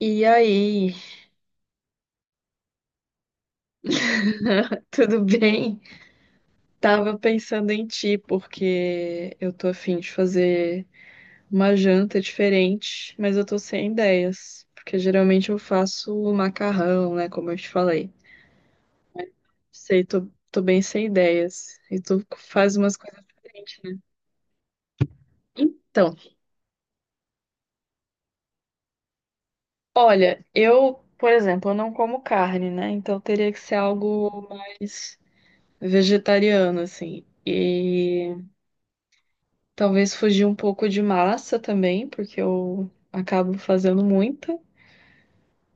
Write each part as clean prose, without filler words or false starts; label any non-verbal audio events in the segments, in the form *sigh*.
E aí, *laughs* tudo bem? Tava pensando em ti, porque eu tô afim de fazer uma janta diferente, mas eu tô sem ideias, porque geralmente eu faço o macarrão, né, como eu te falei. Sei, tô bem sem ideias, e tu faz umas coisas diferentes, né? Então, olha, eu, por exemplo, eu não como carne, né, então teria que ser algo mais vegetariano, assim, talvez fugir um pouco de massa também, porque eu acabo fazendo muita.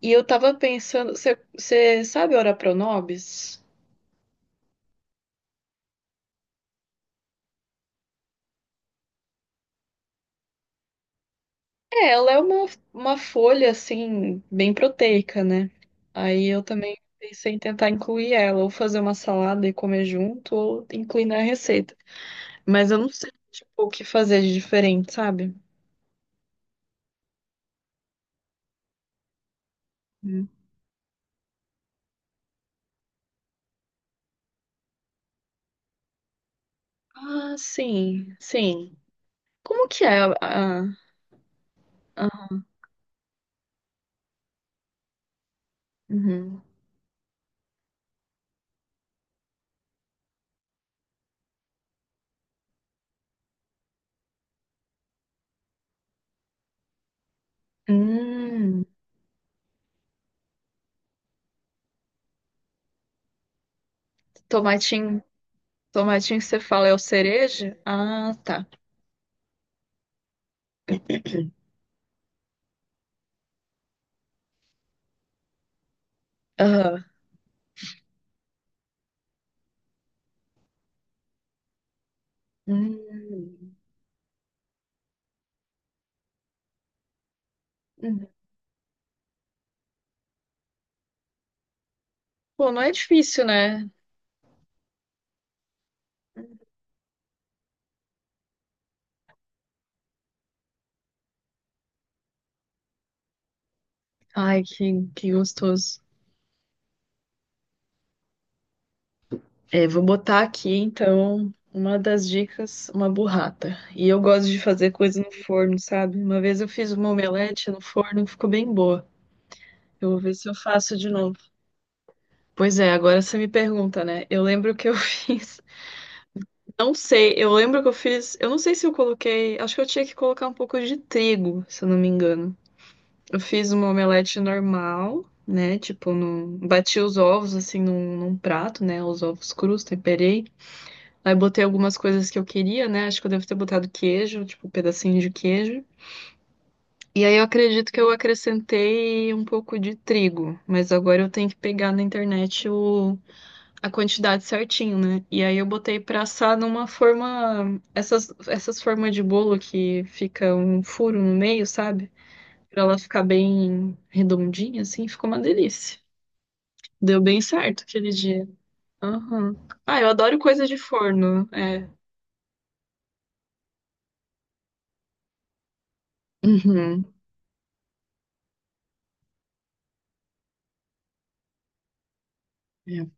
E eu tava pensando, você sabe ora pronobis? É, ela é uma folha, assim, bem proteica, né? Aí eu também pensei em tentar incluir ela, ou fazer uma salada e comer junto, ou incluir na receita. Mas eu não sei, tipo, o que fazer de diferente, sabe? Hum. Ah, sim, sim. Como que é a- uhum. Hum, tomatinho. Tomatinho que você fala é o cereja? Ah, tá. Aham. Hum, hum. Pô, não é difícil, né? Ai, que gostoso. É, vou botar aqui, então, uma das dicas, uma burrata. E eu gosto de fazer coisa no forno, sabe? Uma vez eu fiz uma omelete no forno, ficou bem boa. Eu vou ver se eu faço de novo. Pois é, agora você me pergunta, né? Eu lembro que eu *laughs* fiz. Não sei, eu lembro que eu fiz. Eu não sei se eu coloquei. Acho que eu tinha que colocar um pouco de trigo, se eu não me engano. Eu fiz uma omelete normal, né? Tipo, bati os ovos assim num prato, né? Os ovos crus, temperei. Aí botei algumas coisas que eu queria, né? Acho que eu devo ter botado queijo, tipo, um pedacinho de queijo. E aí eu acredito que eu acrescentei um pouco de trigo, mas agora eu tenho que pegar na internet a quantidade certinho, né? E aí eu botei pra assar numa forma, essas formas de bolo que fica um furo no meio, sabe? Pra ela ficar bem redondinha, assim, ficou uma delícia. Deu bem certo aquele dia. Aham. Ah, eu adoro coisa de forno. É. Uhum. É.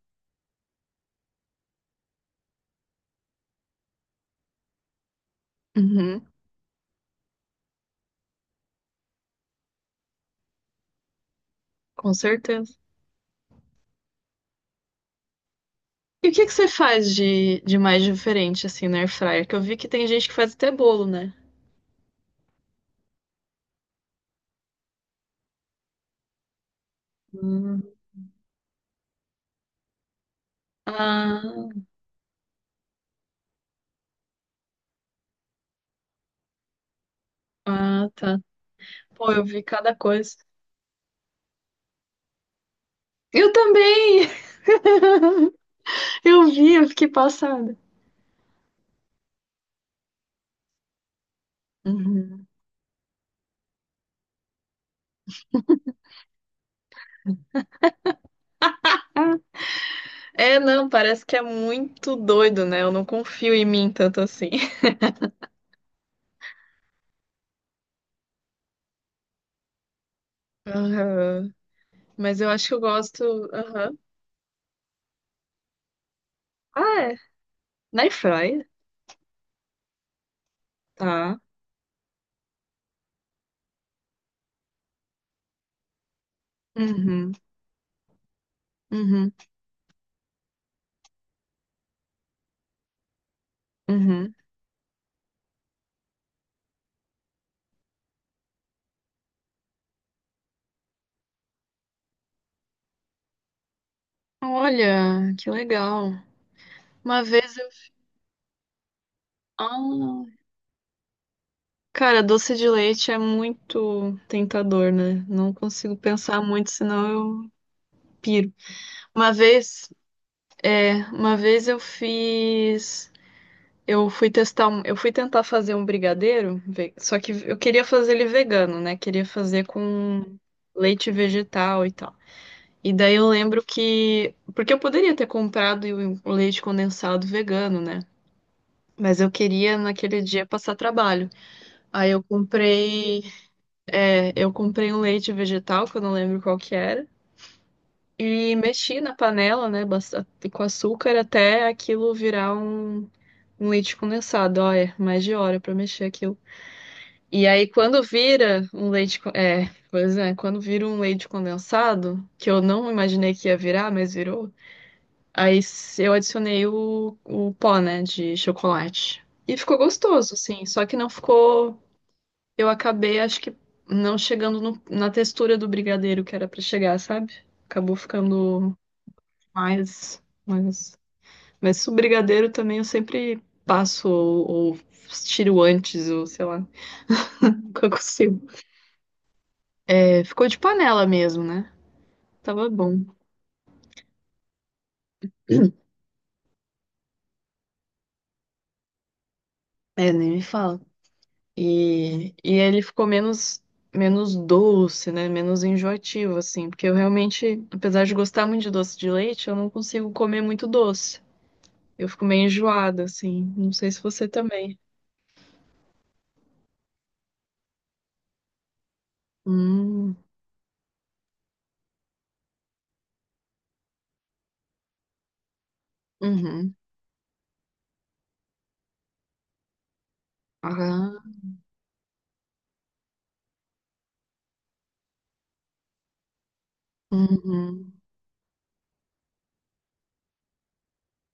Uhum. Com certeza. E o que que você faz de mais diferente, assim, na air fryer? Que eu vi que tem gente que faz até bolo, né? Hum. Ah, ah, tá. Pô, eu vi cada coisa. Eu também! *laughs* Eu vi, eu fiquei passada. Uhum. É, não, parece que é muito doido, né? Eu não confio em mim tanto assim. Aham. Mas eu acho que eu gosto. Aham. Ah, é. Na Airfryer, tá? Uhum. Uhum. Uhum. Olha, que legal. Uma vez eu. Ah, cara, doce de leite é muito tentador, né? Não consigo pensar muito, senão eu piro. Uma vez, é, uma vez eu fiz. Eu fui testar, eu fui tentar fazer um brigadeiro, só que eu queria fazer ele vegano, né? Queria fazer com leite vegetal e tal. E daí eu lembro que. Porque eu poderia ter comprado o leite condensado vegano, né? Mas eu queria naquele dia passar trabalho. Aí eu comprei. É, eu comprei um leite vegetal, que eu não lembro qual que era. E mexi na panela, né? Com açúcar até aquilo virar um leite condensado. Ó, é mais de hora pra mexer aquilo. E aí quando vira um É, pois é, quando vira um leite condensado, que eu não imaginei que ia virar, mas virou. Aí eu adicionei o pó, né, de chocolate. E ficou gostoso, assim. Só que não ficou. Eu acabei, acho que não chegando na textura do brigadeiro que era pra chegar, sabe? Acabou ficando mais. Mas o brigadeiro também eu sempre passo ou tiro antes, ou sei lá. Nunca *laughs* consigo. É, ficou de panela mesmo, né? Tava bom. É, nem me fala. E ele ficou menos doce, né? Menos enjoativo, assim. Porque eu realmente, apesar de gostar muito de doce de leite, eu não consigo comer muito doce. Eu fico meio enjoada, assim. Não sei se você também. Hum, uhum. Aham, uhum.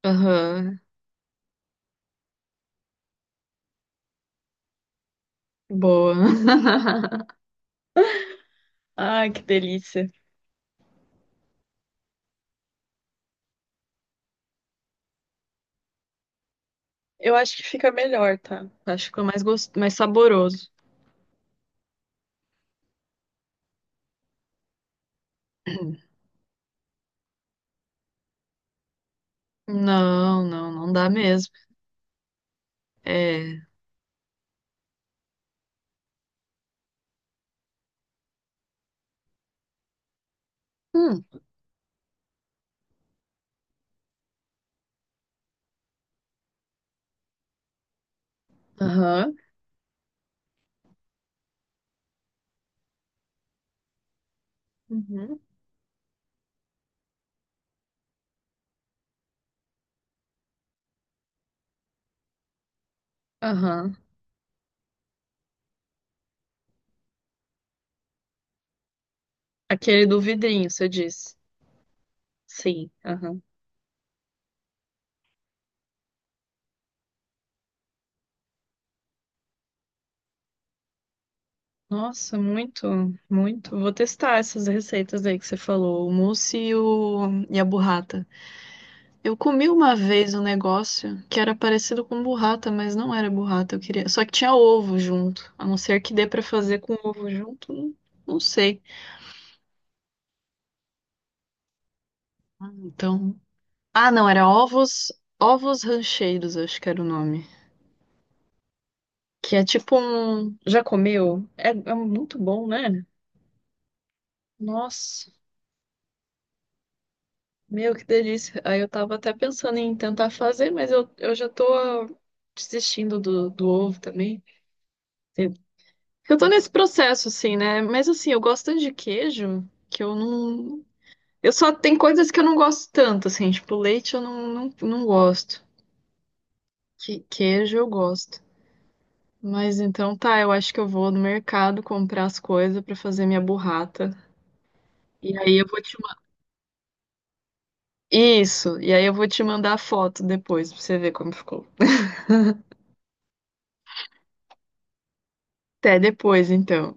Aham. Boa. *laughs* Ai, que delícia. Eu acho que fica melhor, tá? Acho que fica gos... mais saboroso. Não dá mesmo. É. Hum. Aham. Uhum. Aham. Aquele do vidrinho, você disse. Sim, aham. Nossa, muito, muito. Vou testar essas receitas aí que você falou, o mousse e a burrata. Eu comi uma vez um negócio que era parecido com burrata, mas não era burrata, eu queria. Só que tinha ovo junto. A não ser que dê pra fazer com ovo junto, não sei. Ah, então, ah, não, era ovos, ovos rancheiros, acho que era o nome. Que é tipo um, já comeu? É, é muito bom, né? Nossa. Meu, que delícia. Aí eu tava até pensando em tentar fazer, mas eu já tô desistindo do ovo também. Eu eu tô nesse processo, assim, né? Mas assim, eu gosto tanto de queijo que eu não. Eu só tem coisas que eu não gosto tanto, assim, tipo, leite eu não gosto. Que, queijo eu gosto. Mas então tá, eu acho que eu vou no mercado comprar as coisas pra fazer minha burrata. E aí eu vou te mandar. Isso, e aí eu vou te mandar a foto depois pra você ver como ficou. Até depois, então.